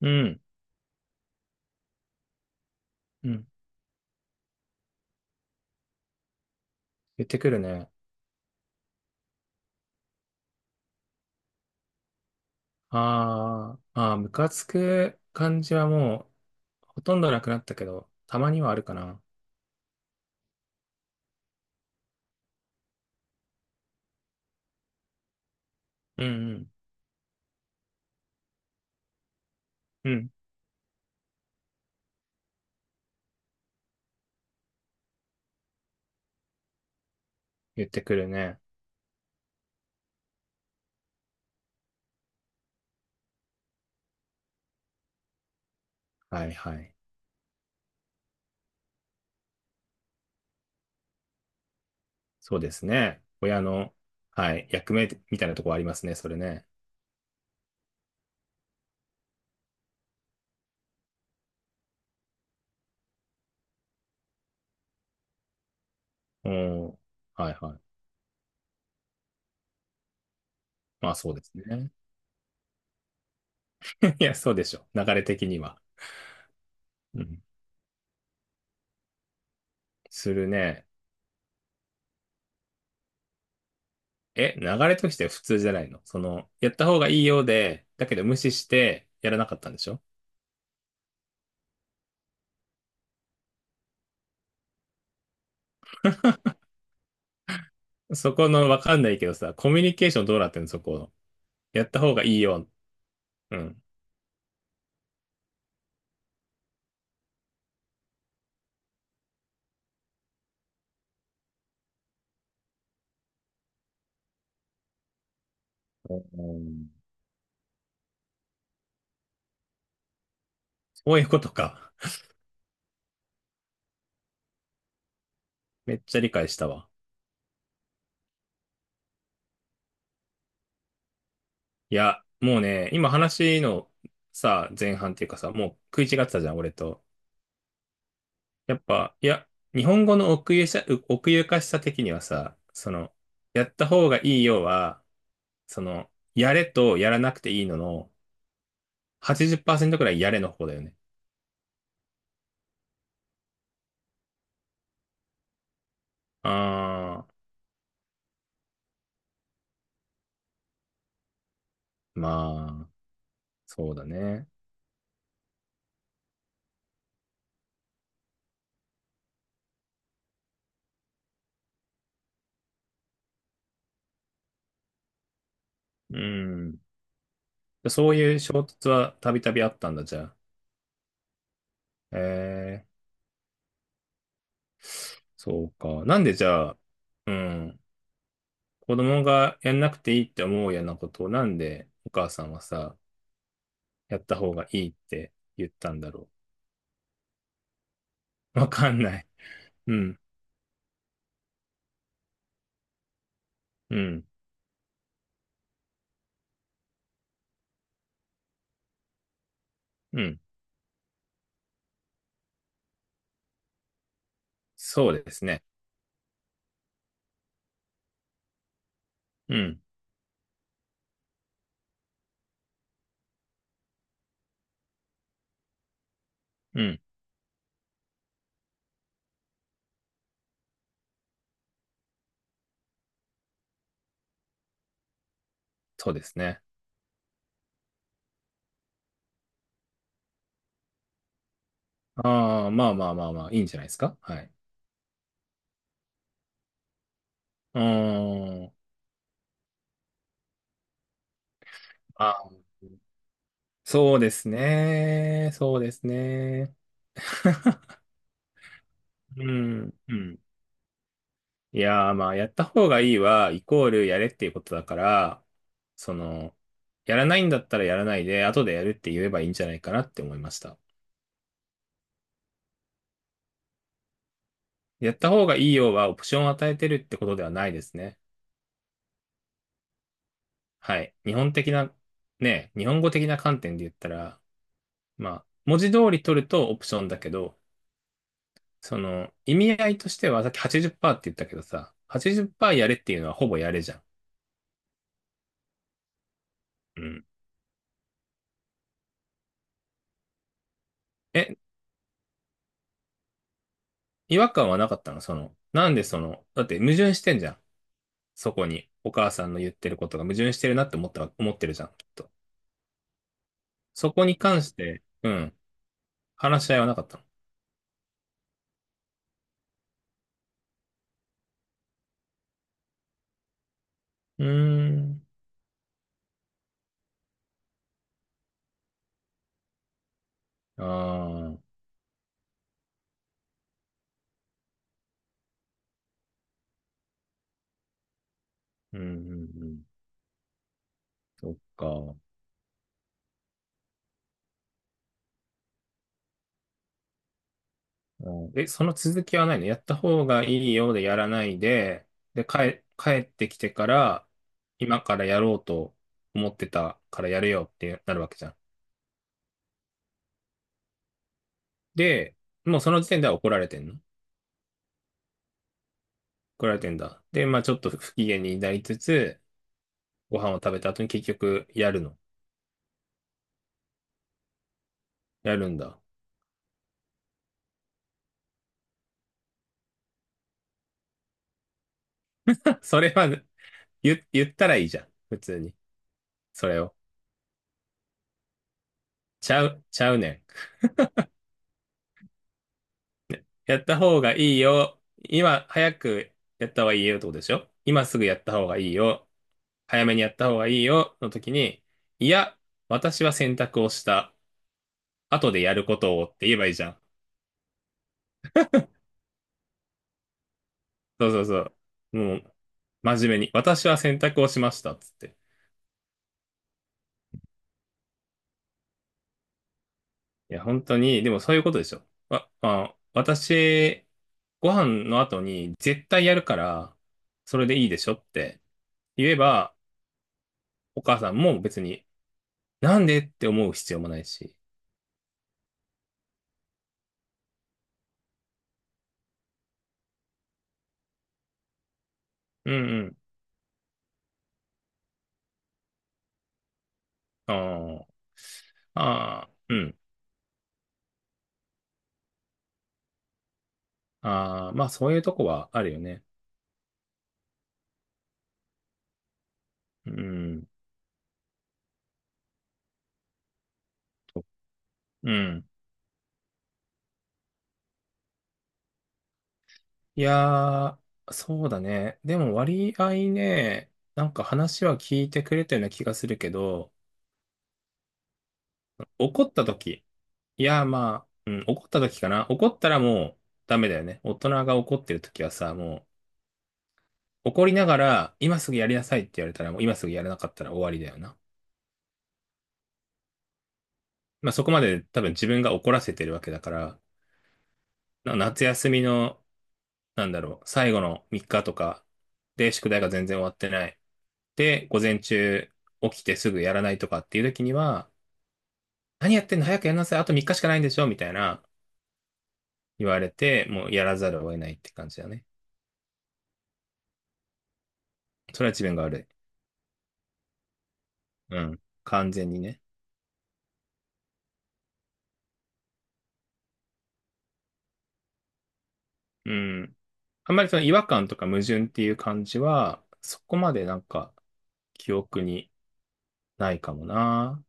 うん、うん。言ってくるね。あーあー、ムカつく感じはもうほとんどなくなったけど、たまにはあるかな。うん、うん、うん。言ってくるね。はい、はい。そうですね。親の、はい、役目みたいなとこありますね、それね。うん、はい、はい。まあ、そうですね。いや、そうでしょ。流れ的には。うん。するね。え、流れとして普通じゃないの？その、やった方がいいようで、だけど無視してやらなかったんでしょ？そこの、わかんないけどさ、コミュニケーションどうなってんの、そこ。やった方がいいよ。うん。うん。そういうことか。めっちゃ理解したわ。いや、もうね、今話のさ、前半っていうかさ、もう食い違ってたじゃん、俺と。やっぱ、いや、日本語の奥ゆかしさ的にはさ、その、やった方がいいよは、その、やれとやらなくていいのの、80%くらいやれの方だよね。あー、まあ、そうだね。うん。そういう衝突はたびたびあったんだ、じゃあ。えー、そうか。なんでじゃあ、うん、子供がやんなくていいって思うようなことを、なんでお母さんはさ、やった方がいいって言ったんだろう。わかんない。うん、うん、うん。そうですね。うん、うん、そうですね。ああ、まあまあまあまあ、いいんじゃないですか。はい。うーん。あ、そうですね。そうですね。うん、うん。いやー、まあ、やった方がいいは、イコールやれっていうことだから、その、やらないんだったらやらないで、後でやるって言えばいいんじゃないかなって思いました。やった方がいいようは、オプションを与えてるってことではないですね。はい。日本的な、ね、日本語的な観点で言ったら、まあ、文字通り取るとオプションだけど、その、意味合いとしては、さっき80%っパーセントって言ったけどさ、80%やれっていうのはほぼやれじゃん。うん。え、違和感はなかったの？その、なんでその、だって矛盾してんじゃん。そこにお母さんの言ってることが矛盾してるなって思ってるじゃん、きっと。そこに関して、うん、話し合いはなかったの？うーん。ああ、うん、うん、うん。そっか。あー、え、その続きはないの？やった方がいいようでやらないで、で、帰ってきてから、今からやろうと思ってたからやるよってなるわけじゃん。で、もうその時点では怒られてんの？怒られてんだ。で、まあちょっと不機嫌になりつつ、ご飯を食べた後に結局やるの。やるんだ。それは、言ったらいいじゃん。普通に。それを。ちゃうねん。やった方がいいよ。今、早くやった方がいいよってことでしょ？今すぐやった方がいいよ。早めにやった方がいいよ。の時に、いや、私は選択をした。後でやることを、って言えばいいじゃん。そうそうそう。もう、真面目に。私は選択をしました、つって。いや、本当に、でもそういうことでしょ。わまあ、私、ご飯の後に絶対やるから、それでいいでしょって言えば、お母さんも別に、なんでって思う必要もないし。うんうん。あーあ、あうん。ああ、まあそういうとこはあるよね。うん。うん。いやー、そうだね。でも割合ね、なんか話は聞いてくれたような気がするけど、怒った時。いや、まあ、うん、怒った時かな。怒ったらもうダメだよね。大人が怒ってる時はさ、もう怒りながら、今すぐやりなさいって言われたら、もう今すぐやらなかったら終わりだよな。まあそこまで多分自分が怒らせてるわけだから、な夏休みの、なんだろう、最後の3日とかで宿題が全然終わってない。で、午前中起きてすぐやらないとかっていう時には、何やってんの、早くやんなさい。あと3日しかないんでしょみたいな言われて、もうやらざるを得ないって感じだね。それは自分が悪い。うん。完全にね。うん。あんまりその違和感とか矛盾っていう感じは、そこまでなんか記憶にないかもな。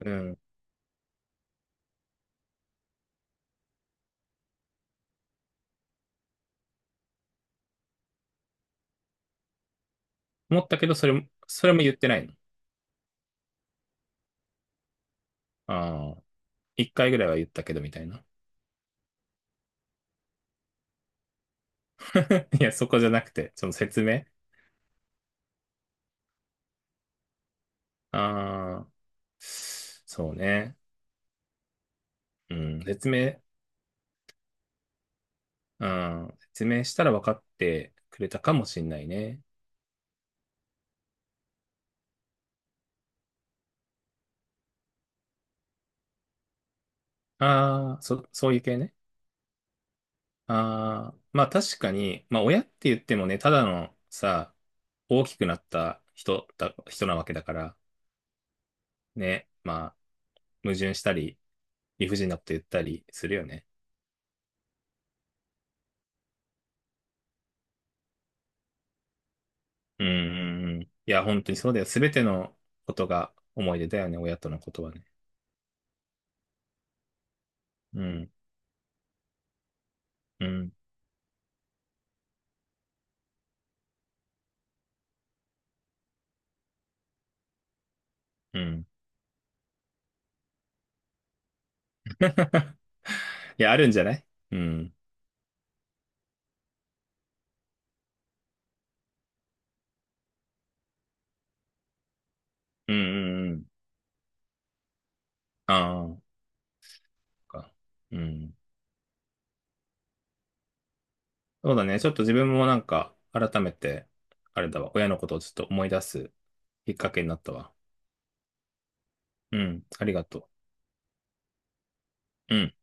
うん。思ったけど、それも、それも言ってないの。ああ。一回ぐらいは言ったけどみたいな。いや、そこじゃなくて、その説明。ああ。そうね。うん。説明、うん。説明したら分かってくれたかもしんないね。ああ、そういう系ね。ああ、まあ確かに、まあ親って言ってもね、ただのさ、大きくなった人なわけだから、ね、まあ矛盾したり、理不尽なこと言ったりするよね。うんうんうん。いや、本当にそうだよ。すべてのことが思い出だよね、親とのことはね。うん、うん、うん。いや、あるんじゃない？うん、うん、うんうん。ああ、か。うん。そうだね。ちょっと自分もなんか、改めて、あれだわ、親のことをちょっと思い出すきっかけになったわ。うん。ありがとう。うん。